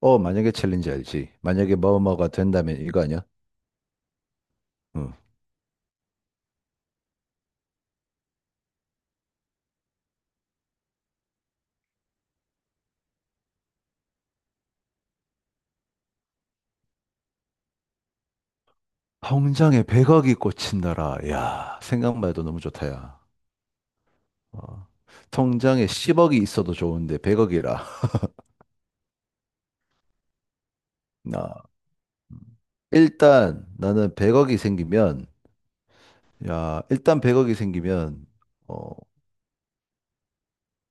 어, 만약에 챌린지 알지. 만약에 뭐뭐가 된다면 이거 아니야? 응. 통장에 100억이 꽂힌다라. 야, 생각만 해도 너무 좋다, 야. 어. 통장에 10억이 있어도 좋은데 100억이라. 나 일단 나는 100억이 생기면, 야, 일단 100억이 생기면 어,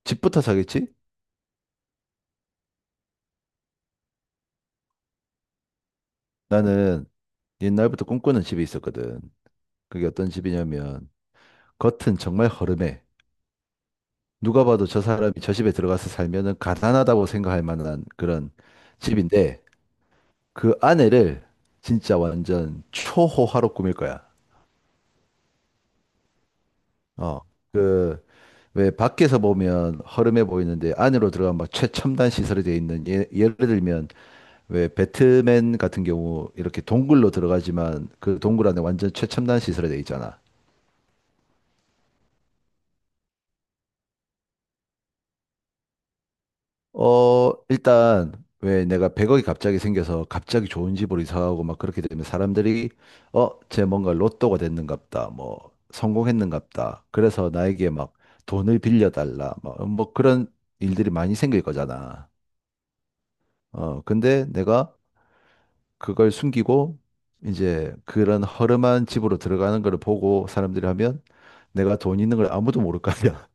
집부터 사겠지? 나는 옛날부터 꿈꾸는 집이 있었거든. 그게 어떤 집이냐면 겉은 정말 허름해. 누가 봐도 저 사람이 저 집에 들어가서 살면은 가난하다고 생각할 만한 그런 집인데 그 안에를 진짜 완전 초호화로 꾸밀 거야. 어. 그 왜 밖에서 보면 허름해 보이는데 안으로 들어가면 막 최첨단 시설이 돼 있는 예를 들면 왜 배트맨 같은 경우 이렇게 동굴로 들어가지만 그 동굴 안에 완전 최첨단 시설이 돼 있잖아. 일단, 왜 내가 100억이 갑자기 생겨서 갑자기 좋은 집으로 이사하고 막 그렇게 되면 사람들이, 쟤 뭔가 로또가 됐는갑다. 뭐, 성공했는갑다. 그래서 나에게 막 돈을 빌려달라. 막, 뭐 그런 일들이 많이 생길 거잖아. 근데 내가 그걸 숨기고 이제 그런 허름한 집으로 들어가는 걸 보고 사람들이 하면 내가 돈 있는 걸 아무도 모를 거 아니야.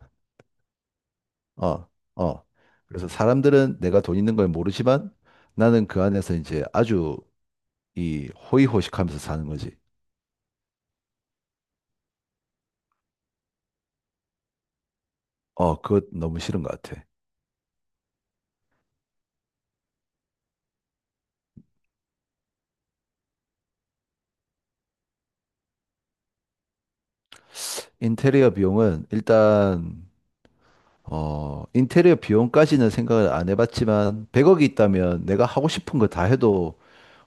어, 어. 그래서 사람들은 내가 돈 있는 걸 모르지만 나는 그 안에서 이제 아주 이 호의호식하면서 사는 거지. 어, 그것 너무 싫은 것 같아. 인테리어 비용은 일단 인테리어 비용까지는 생각을 안 해봤지만 100억이 있다면 내가 하고 싶은 거 다 해도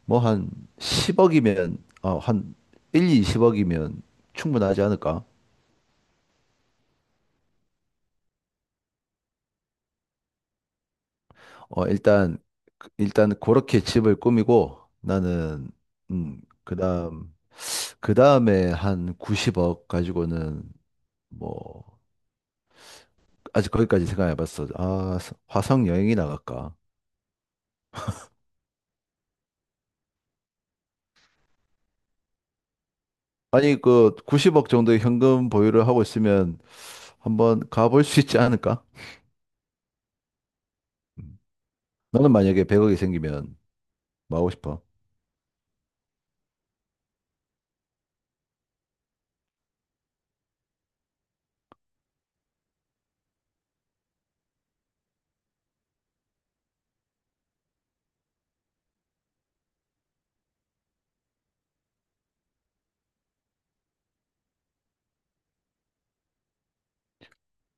뭐 한 10억이면 한 1, 20억이면 충분하지 않을까? 어, 일단 일단 그렇게 집을 꾸미고 나는 그다음 그 다음에 한 90억 가지고는 뭐 아직 거기까지 생각해 봤어. 아, 화성 여행이 나갈까? 아니 그 90억 정도의 현금 보유를 하고 있으면 한번 가볼 수 있지 않을까? 음. 너는 만약에 100억이 생기면 뭐 하고 싶어?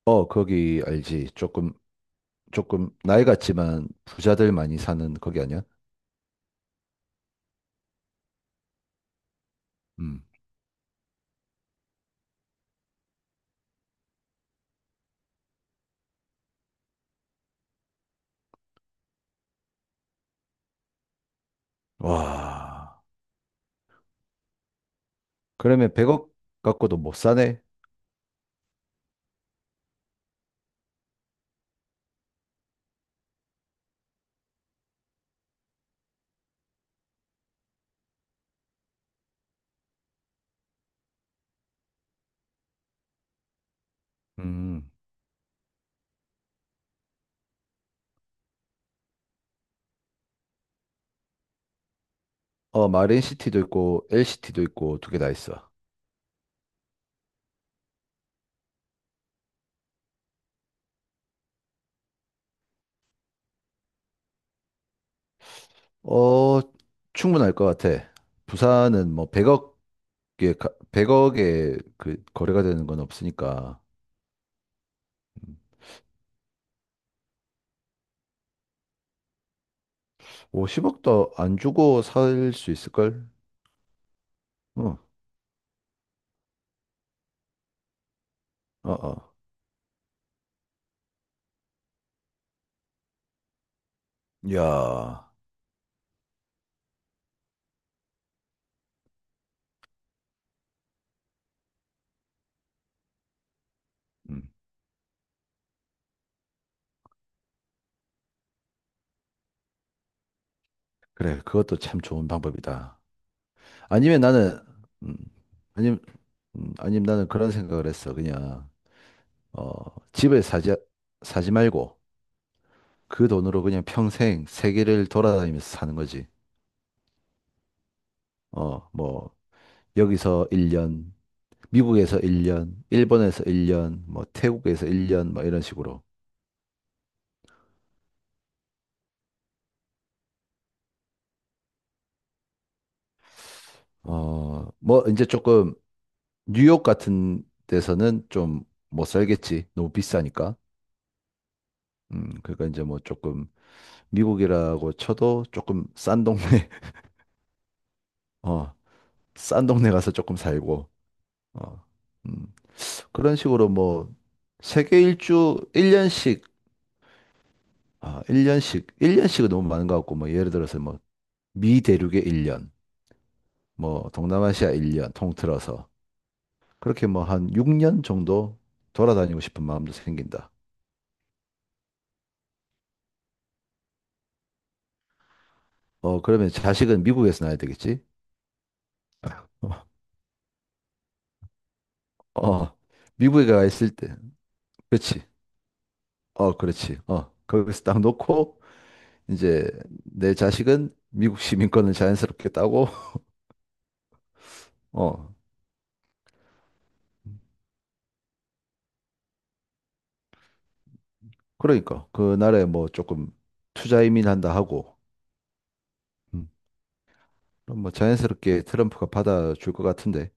어, 거기 알지. 조금 나이 같지만 부자들 많이 사는 거기 아니야? 음. 와. 그러면 100억 갖고도 못 사네. 음. 어, 마린시티도 있고 LCT도 있고 두 개 다 있어. 어, 충분할 것 같아. 부산은 뭐 100억에, 100억에 그 거래가 되는 건 없으니까. 50억도 안 주고 살 수 있을걸? 어, 어, 어. 야, 음, 그래. 그것도 참 좋은 방법이다. 아니면 나는, 음, 아니면, 아니면 나는 그런 생각을 했어. 그냥, 어, 집을 사지 말고 그 돈으로 그냥 평생 세계를 돌아다니면서 사는 거지. 어, 뭐, 여기서 1년, 미국에서 1년, 일본에서 1년, 뭐 태국에서 1년, 뭐 이런 식으로. 어, 뭐 이제 조금 뉴욕 같은 데서는 좀 못 살겠지. 너무 비싸니까. 그러니까 이제 뭐 조금 미국이라고 쳐도 조금 싼 동네, 어, 싼 동네 가서 조금 살고, 어, 음, 그런 식으로 뭐 세계 일주 1년씩, 아, 1년씩, 1년씩은 너무 많은 것 같고, 뭐 예를 들어서 뭐 미 대륙에 1년, 뭐 동남아시아 1년 통틀어서 그렇게 뭐 한 6년 정도 돌아다니고 싶은 마음도 생긴다. 어, 그러면 자식은 미국에서 낳아야 되겠지? 어, 어, 미국에 가 있을 때, 그렇지. 어, 그렇지. 어, 거기서 딱 놓고, 이제 내 자식은 미국 시민권을 자연스럽게 따고, 어, 그러니까 그 나라에 뭐 조금 투자 이민한다 하고, 음, 그럼 뭐 자연스럽게 트럼프가 받아줄 것 같은데.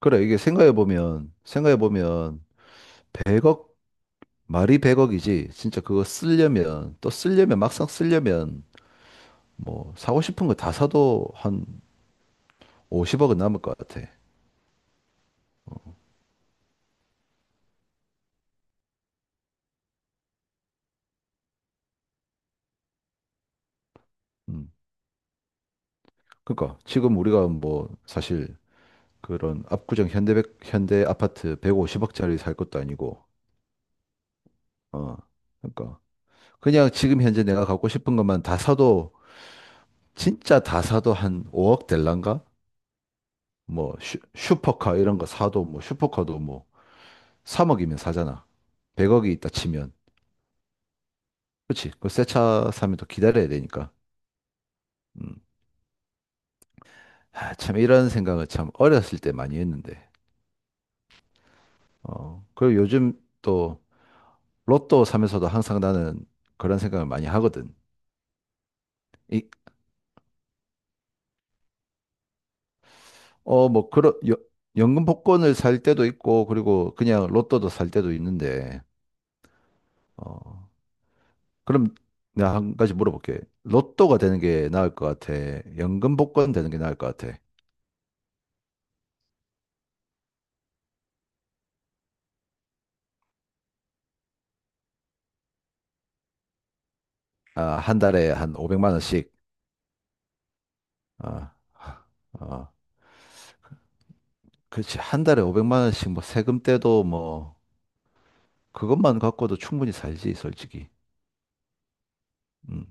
그래, 이게 생각해보면, 100억 말이 100억이지 진짜 그거 쓰려면 또 쓰려면 막상 쓰려면 뭐 사고 싶은 거 다 사도 한 50억은 남을 것 같아. 음. 그러니까 지금 우리가 뭐 사실 그런 압구정 현대 아파트 150억짜리 살 것도 아니고 어. 그러니까 그냥 지금 현재 내가 갖고 싶은 것만 다 사도 진짜 다 사도 한 5억 될란가? 뭐 슈퍼카 이런 거 사도 뭐 슈퍼카도 뭐 3억이면 사잖아. 100억이 있다 치면. 그렇지. 그 새 차 사면 또 기다려야 되니까. 음. 아, 참 이런 생각을 참 어렸을 때 많이 했는데. 어. 그리고 요즘 또 로또 사면서도 항상 나는 그런 생각을 많이 하거든. 이, 뭐 그런 연금 복권을 살 때도 있고 그리고 그냥 로또도 살 때도 있는데. 어. 그럼 내가 한 가지 물어볼게. 로또가 되는 게 나을 것 같아. 연금 복권 되는 게 나을 것 같아. 아, 한 달에 한 500만 원씩. 어, 어. 그렇지. 한 달에 500만 원씩 뭐 세금 떼도 뭐 그것만 갖고도 충분히 살지, 솔직히. 음.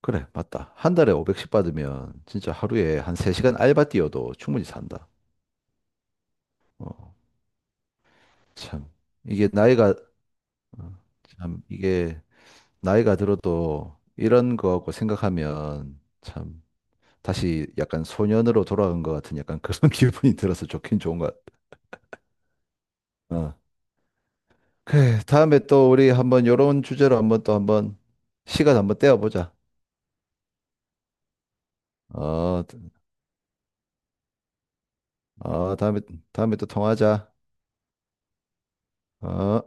그래, 맞다. 한 달에 500씩 받으면 진짜 하루에 한 3시간 알바 뛰어도 충분히 산다. 어, 참. 이게 나이가, 어, 이게 나이가 들어도 이런 거하고 생각하면 참 다시 약간 소년으로 돌아간 것 같은 약간 그런 기분이 들어서 좋긴 좋은 것 같아. 어. 그래, 다음에 또 우리 한번 요런 주제로 한번 또 한번 시간 한번 떼어보자. 어, 어, 다음에, 또 통화하자. 어.